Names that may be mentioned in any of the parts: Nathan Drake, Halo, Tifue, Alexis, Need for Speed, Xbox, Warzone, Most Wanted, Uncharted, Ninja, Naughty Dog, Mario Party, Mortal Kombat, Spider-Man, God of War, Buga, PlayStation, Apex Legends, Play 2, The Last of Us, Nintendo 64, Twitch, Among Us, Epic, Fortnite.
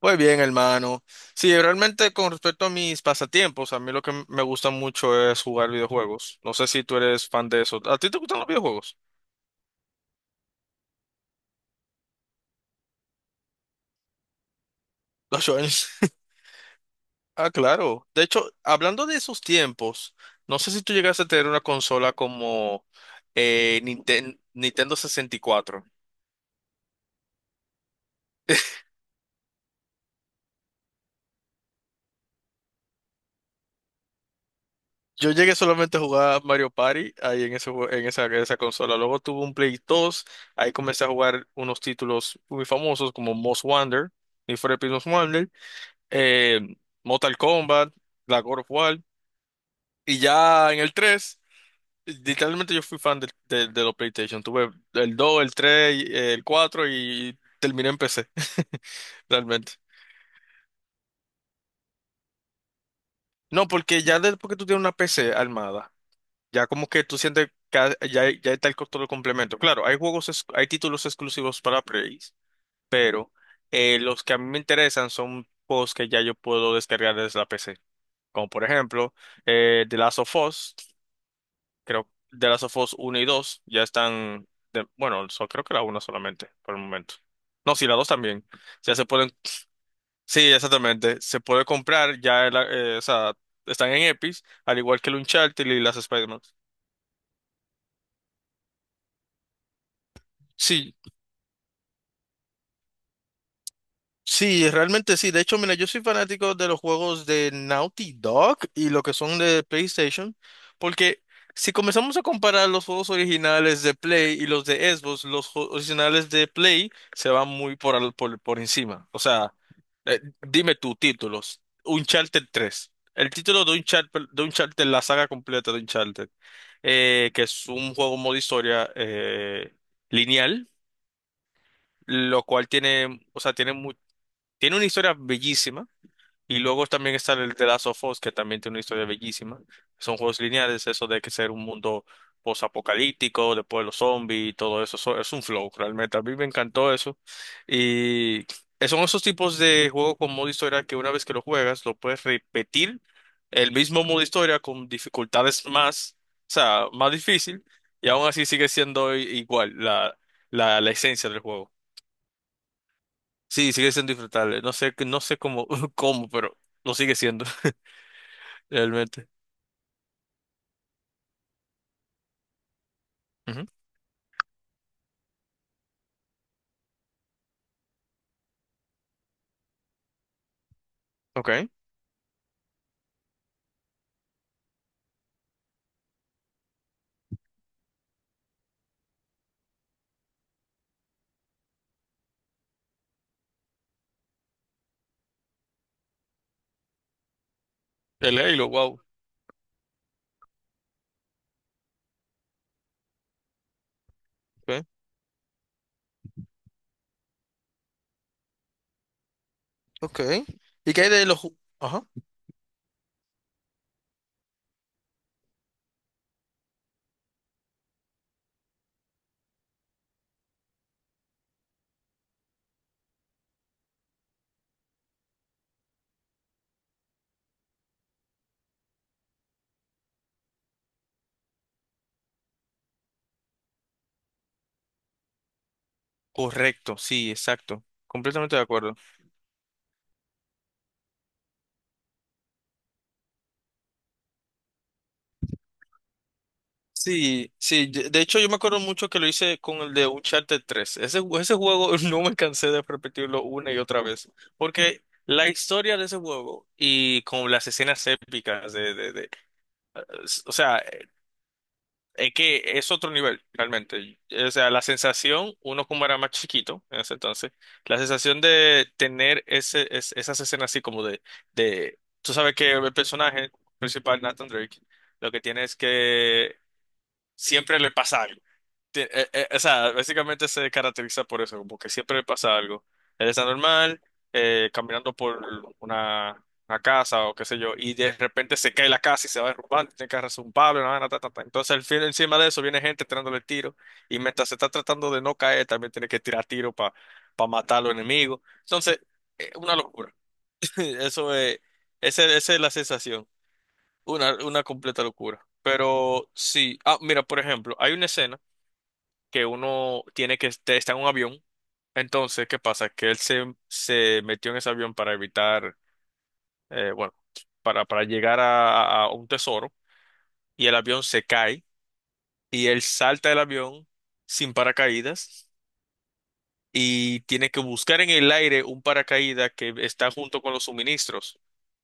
Muy bien, hermano. Sí, realmente con respecto a mis pasatiempos, a mí lo que me gusta mucho es jugar videojuegos. No sé si tú eres fan de eso. ¿A ti te gustan los videojuegos? Los shooters. Ah, claro. De hecho, hablando de esos tiempos, no sé si tú llegaste a tener una consola como Nintendo 64. Yo llegué solamente a jugar Mario Party ahí en en esa consola. Luego tuve un Play 2, ahí comencé a jugar unos títulos muy famosos como Most Wonder, Need for Speed Most Wanted, eh, Mortal Kombat, la God of War. Y ya en el 3, literalmente yo fui fan de los PlayStation. Tuve el 2, el 3, y, el 4 y terminé en PC. Realmente. No, porque ya después que tú tienes una PC armada, ya como que tú sientes que ya está el costo del complemento. Claro, hay títulos exclusivos para Play, pero los que a mí me interesan son juegos que ya yo puedo descargar desde la PC. Como por ejemplo, The Last of Us. Creo The Last of Us 1 y 2 ya están, bueno, creo que la una solamente por el momento. No, sí, la 2 también. Ya se pueden, sí, exactamente. Se puede comprar, ya, o sea, están en Epic, al igual que el Uncharted y las Spider-Man. Sí, sí, realmente sí. De hecho, mira, yo soy fanático de los juegos de Naughty Dog y lo que son de PlayStation, porque si comenzamos a comparar los juegos originales de Play y los de Xbox, los originales de Play se van muy por, por encima. O sea, dime tú, títulos. Uncharted tres. El título de Uncharted, la saga completa de Uncharted, que es un juego modo historia, lineal, lo cual tiene, o sea, tiene una historia bellísima. Y luego también está el The Last of Us, que también tiene una historia bellísima. Son juegos lineales, eso de que ser un mundo posapocalíptico, después los zombies y todo eso. Eso es un flow, realmente. A mí me encantó eso. Y son esos tipos de juegos con modo historia que una vez que lo juegas, lo puedes repetir el mismo modo historia con dificultades más, o sea, más difícil. Y aún así sigue siendo igual la esencia del juego. Sí, sigue siendo disfrutable. No sé cómo, cómo, pero lo sigue siendo, realmente. Ujú. Ok. El Halo, wow. Ok. Ok. ¿Y qué hay de los ajá? Correcto, sí, exacto. Completamente de acuerdo. Sí, sí. De hecho, yo me acuerdo mucho que lo hice con el de Uncharted tres. Ese, ese juego, no me cansé de repetirlo una y otra vez. Porque la historia de ese juego y con las escenas épicas o sea, es que es otro nivel, realmente. O sea, la sensación, uno como era más chiquito en ese entonces, la sensación de tener ese, esas escenas así como tú sabes que el personaje principal, Nathan Drake, lo que tiene es que siempre le pasa algo, o sea, básicamente se caracteriza por eso, como que siempre le pasa algo. Él está normal, caminando por una casa o qué sé yo, y de repente se cae la casa y se va derrumbando, tiene que agarrarse un palo, una vaina, ta, ta, ta. Entonces, al fin, encima de eso, viene gente tirándole tiro, y mientras se está tratando de no caer, también tiene que tirar tiro para matar a los enemigos. Entonces, una locura. Eso es, esa es la sensación, una completa locura. Pero sí, ah, mira, por ejemplo, hay una escena que uno tiene que estar está en un avión. Entonces, ¿qué pasa? Que él se metió en ese avión para evitar, bueno, para, para llegar a un tesoro, y el avión se cae y él salta del avión sin paracaídas y tiene que buscar en el aire un paracaídas que está junto con los suministros.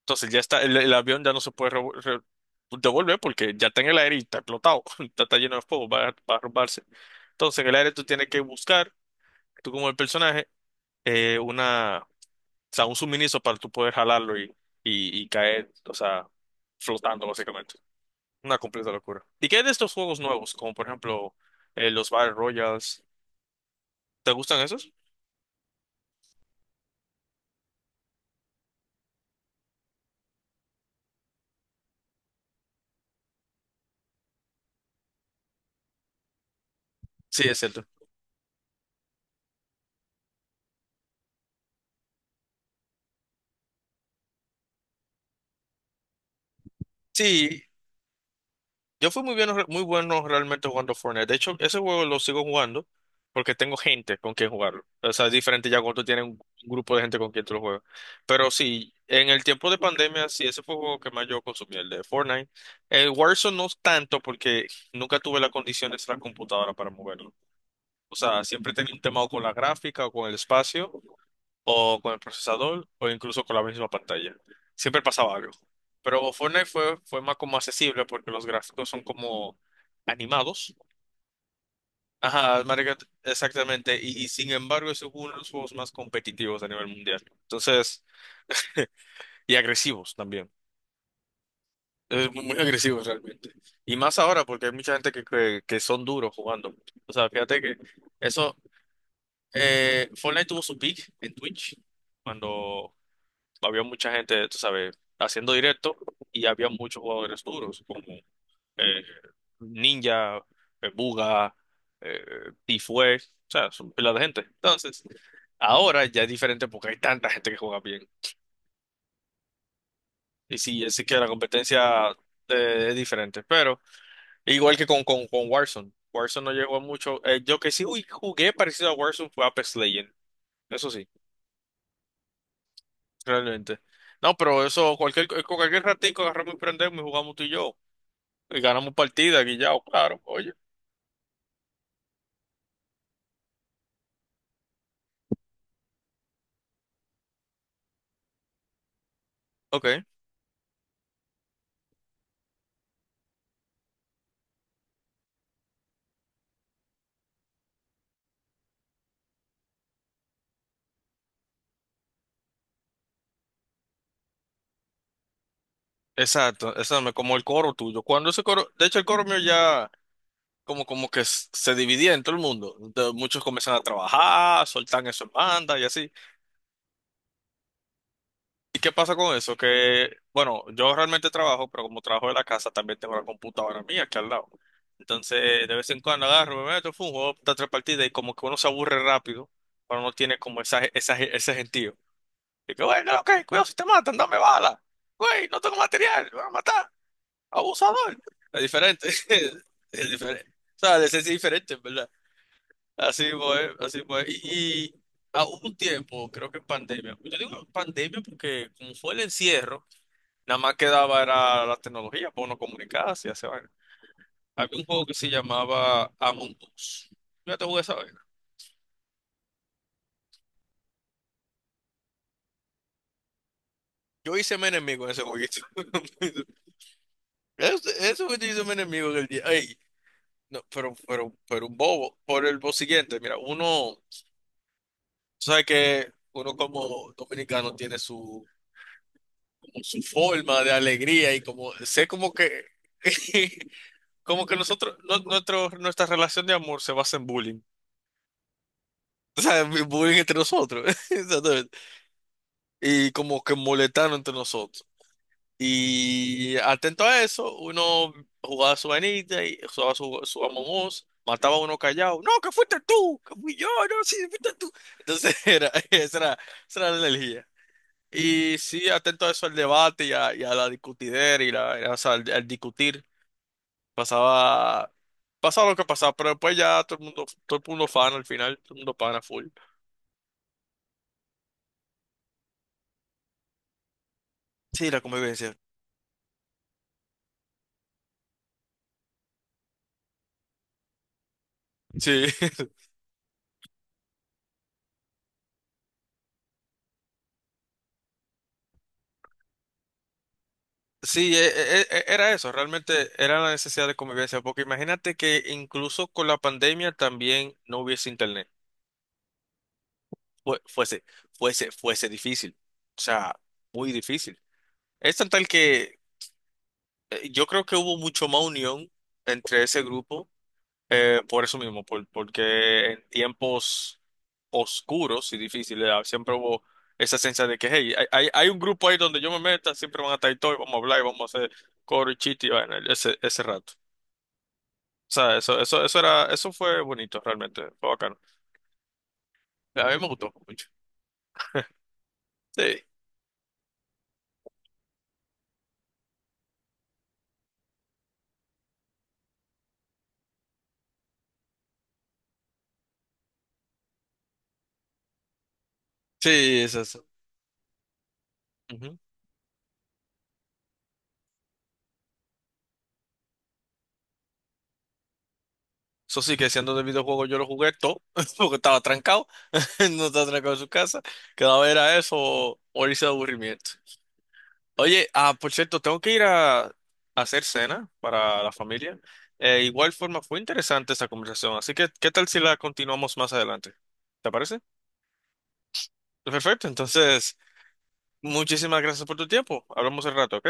Entonces ya está, el avión ya no se puede devolver porque ya está en el aire y está explotado, está lleno de fuego, va a romperse. Entonces en el aire tú tienes que buscar, tú como el personaje, o sea, un suministro para tú poder jalarlo, y caer, o sea, flotando básicamente. Una completa locura. ¿Y qué hay de estos juegos nuevos? Como por ejemplo, los Battle Royals. ¿Te gustan esos? Sí, es cierto. Sí, yo fui muy bueno realmente jugando Fortnite. De hecho, ese juego lo sigo jugando porque tengo gente con quien jugarlo. O sea, es diferente ya cuando tú tienes un grupo de gente con quien tú lo juegas. Pero sí, en el tiempo de pandemia, sí, ese fue el juego que más yo consumí, el de Fortnite. El Warzone no tanto porque nunca tuve las condiciones de la computadora para moverlo. O sea, siempre tenía un tema o con la gráfica o con el espacio o con el procesador o incluso con la misma pantalla. Siempre pasaba algo. Pero Fortnite fue más como accesible porque los gráficos son como animados. Ajá, marica, exactamente. Y sin embargo es uno de los juegos más competitivos a nivel mundial. Entonces, y agresivos también. Es muy muy agresivo realmente. Y más ahora porque hay mucha gente que son duros jugando. O sea, fíjate que eso, Fortnite tuvo su peak en Twitch cuando había mucha gente, tú sabes, haciendo directo y había muchos jugadores duros, como eh, Ninja, Buga, Tifue, o sea, son pila de gente. Entonces, ahora ya es diferente porque hay tanta gente que juega bien. Y sí, así que la competencia, es diferente, pero igual que con Warzone. Warzone no llegó a mucho. Yo que sí uy, jugué parecido a Warzone fue Apex Legends, eso sí, realmente. No, pero eso, con cualquier ratico agarramos y prendemos y jugamos tú y yo, y ganamos partidas, guillao, claro, oye. Ok, exacto, exacto, como el coro tuyo. Cuando ese coro, de hecho el coro mío ya como que se dividía en todo el mundo. Entonces, muchos comienzan a trabajar, soltan eso en banda y así. ¿Y qué pasa con eso? Que, bueno, yo realmente trabajo, pero como trabajo de la casa, también tengo la computadora mía aquí al lado. Entonces, de vez en cuando agarro, me meto, fum, juego da tres partidas y como que uno se aburre rápido, pero no tiene como ese gentío. Y que, güey, no, ok, cuidado si te matan, dame bala. Güey, no tengo material, me van a matar. Abusador. Es diferente. Es diferente. O sea, de ser diferente, ¿verdad? Así fue, así fue. Y a un tiempo, creo que en pandemia. Yo digo pandemia porque como fue el encierro, nada más quedaba era la tecnología para uno comunicarse y hacer vaina. Había un juego que se llamaba Among Us. Yo te jugué esa vaina. Yo hice mi enemigo en ese jueguito. Eso fue que yo hice mi enemigo en el día. Ey, no, pero un bobo, por el bo siguiente, mira, uno sabe que uno como dominicano tiene su, como su forma de alegría y como, sé como que, como que nosotros, nuestra relación de amor se basa en bullying, o sea, en bullying entre nosotros, exactamente, y como que molestando entre nosotros. Y atento a eso, uno jugaba su vainita y jugaba su Among Us, mataba a uno callado. No, que fuiste tú, que fui yo, no, sí, fuiste tú. Entonces esa era la energía. Y sí, atento a eso al debate y a la discutidera y la, o sea, al discutir. Pasaba, pasaba lo que pasaba, pero después ya todo el mundo fan al final, todo el mundo pana full. Sí, la convivencia. Sí. Sí, era eso, realmente era la necesidad de convivencia, porque imagínate que incluso con la pandemia también no hubiese internet. Fue- fuese, fuese difícil. O sea, muy difícil. Es tan tal que, yo creo que hubo mucho más unión entre ese grupo, por eso mismo, porque en tiempos oscuros y difíciles, siempre hubo esa sensación de que, hey, hay un grupo ahí donde yo me meta, siempre van a estar ahí todos, y vamos a hablar y vamos a hacer coro y chiste y vaina, ese rato. O sea, eso era, eso fue bonito realmente, fue bacano. A mí me gustó mucho. Sí. Sí, es eso. Ujú. Eso sí, que siendo de videojuego yo lo jugué todo, porque estaba trancado, no estaba trancado en su casa, quedaba era eso o irse de aburrimiento. Oye, por cierto, tengo que ir a hacer cena para la familia. Igual forma, fue interesante esta conversación, así que, ¿qué tal si la continuamos más adelante? ¿Te parece? Perfecto, entonces, muchísimas gracias por tu tiempo. Hablamos al rato, ¿ok?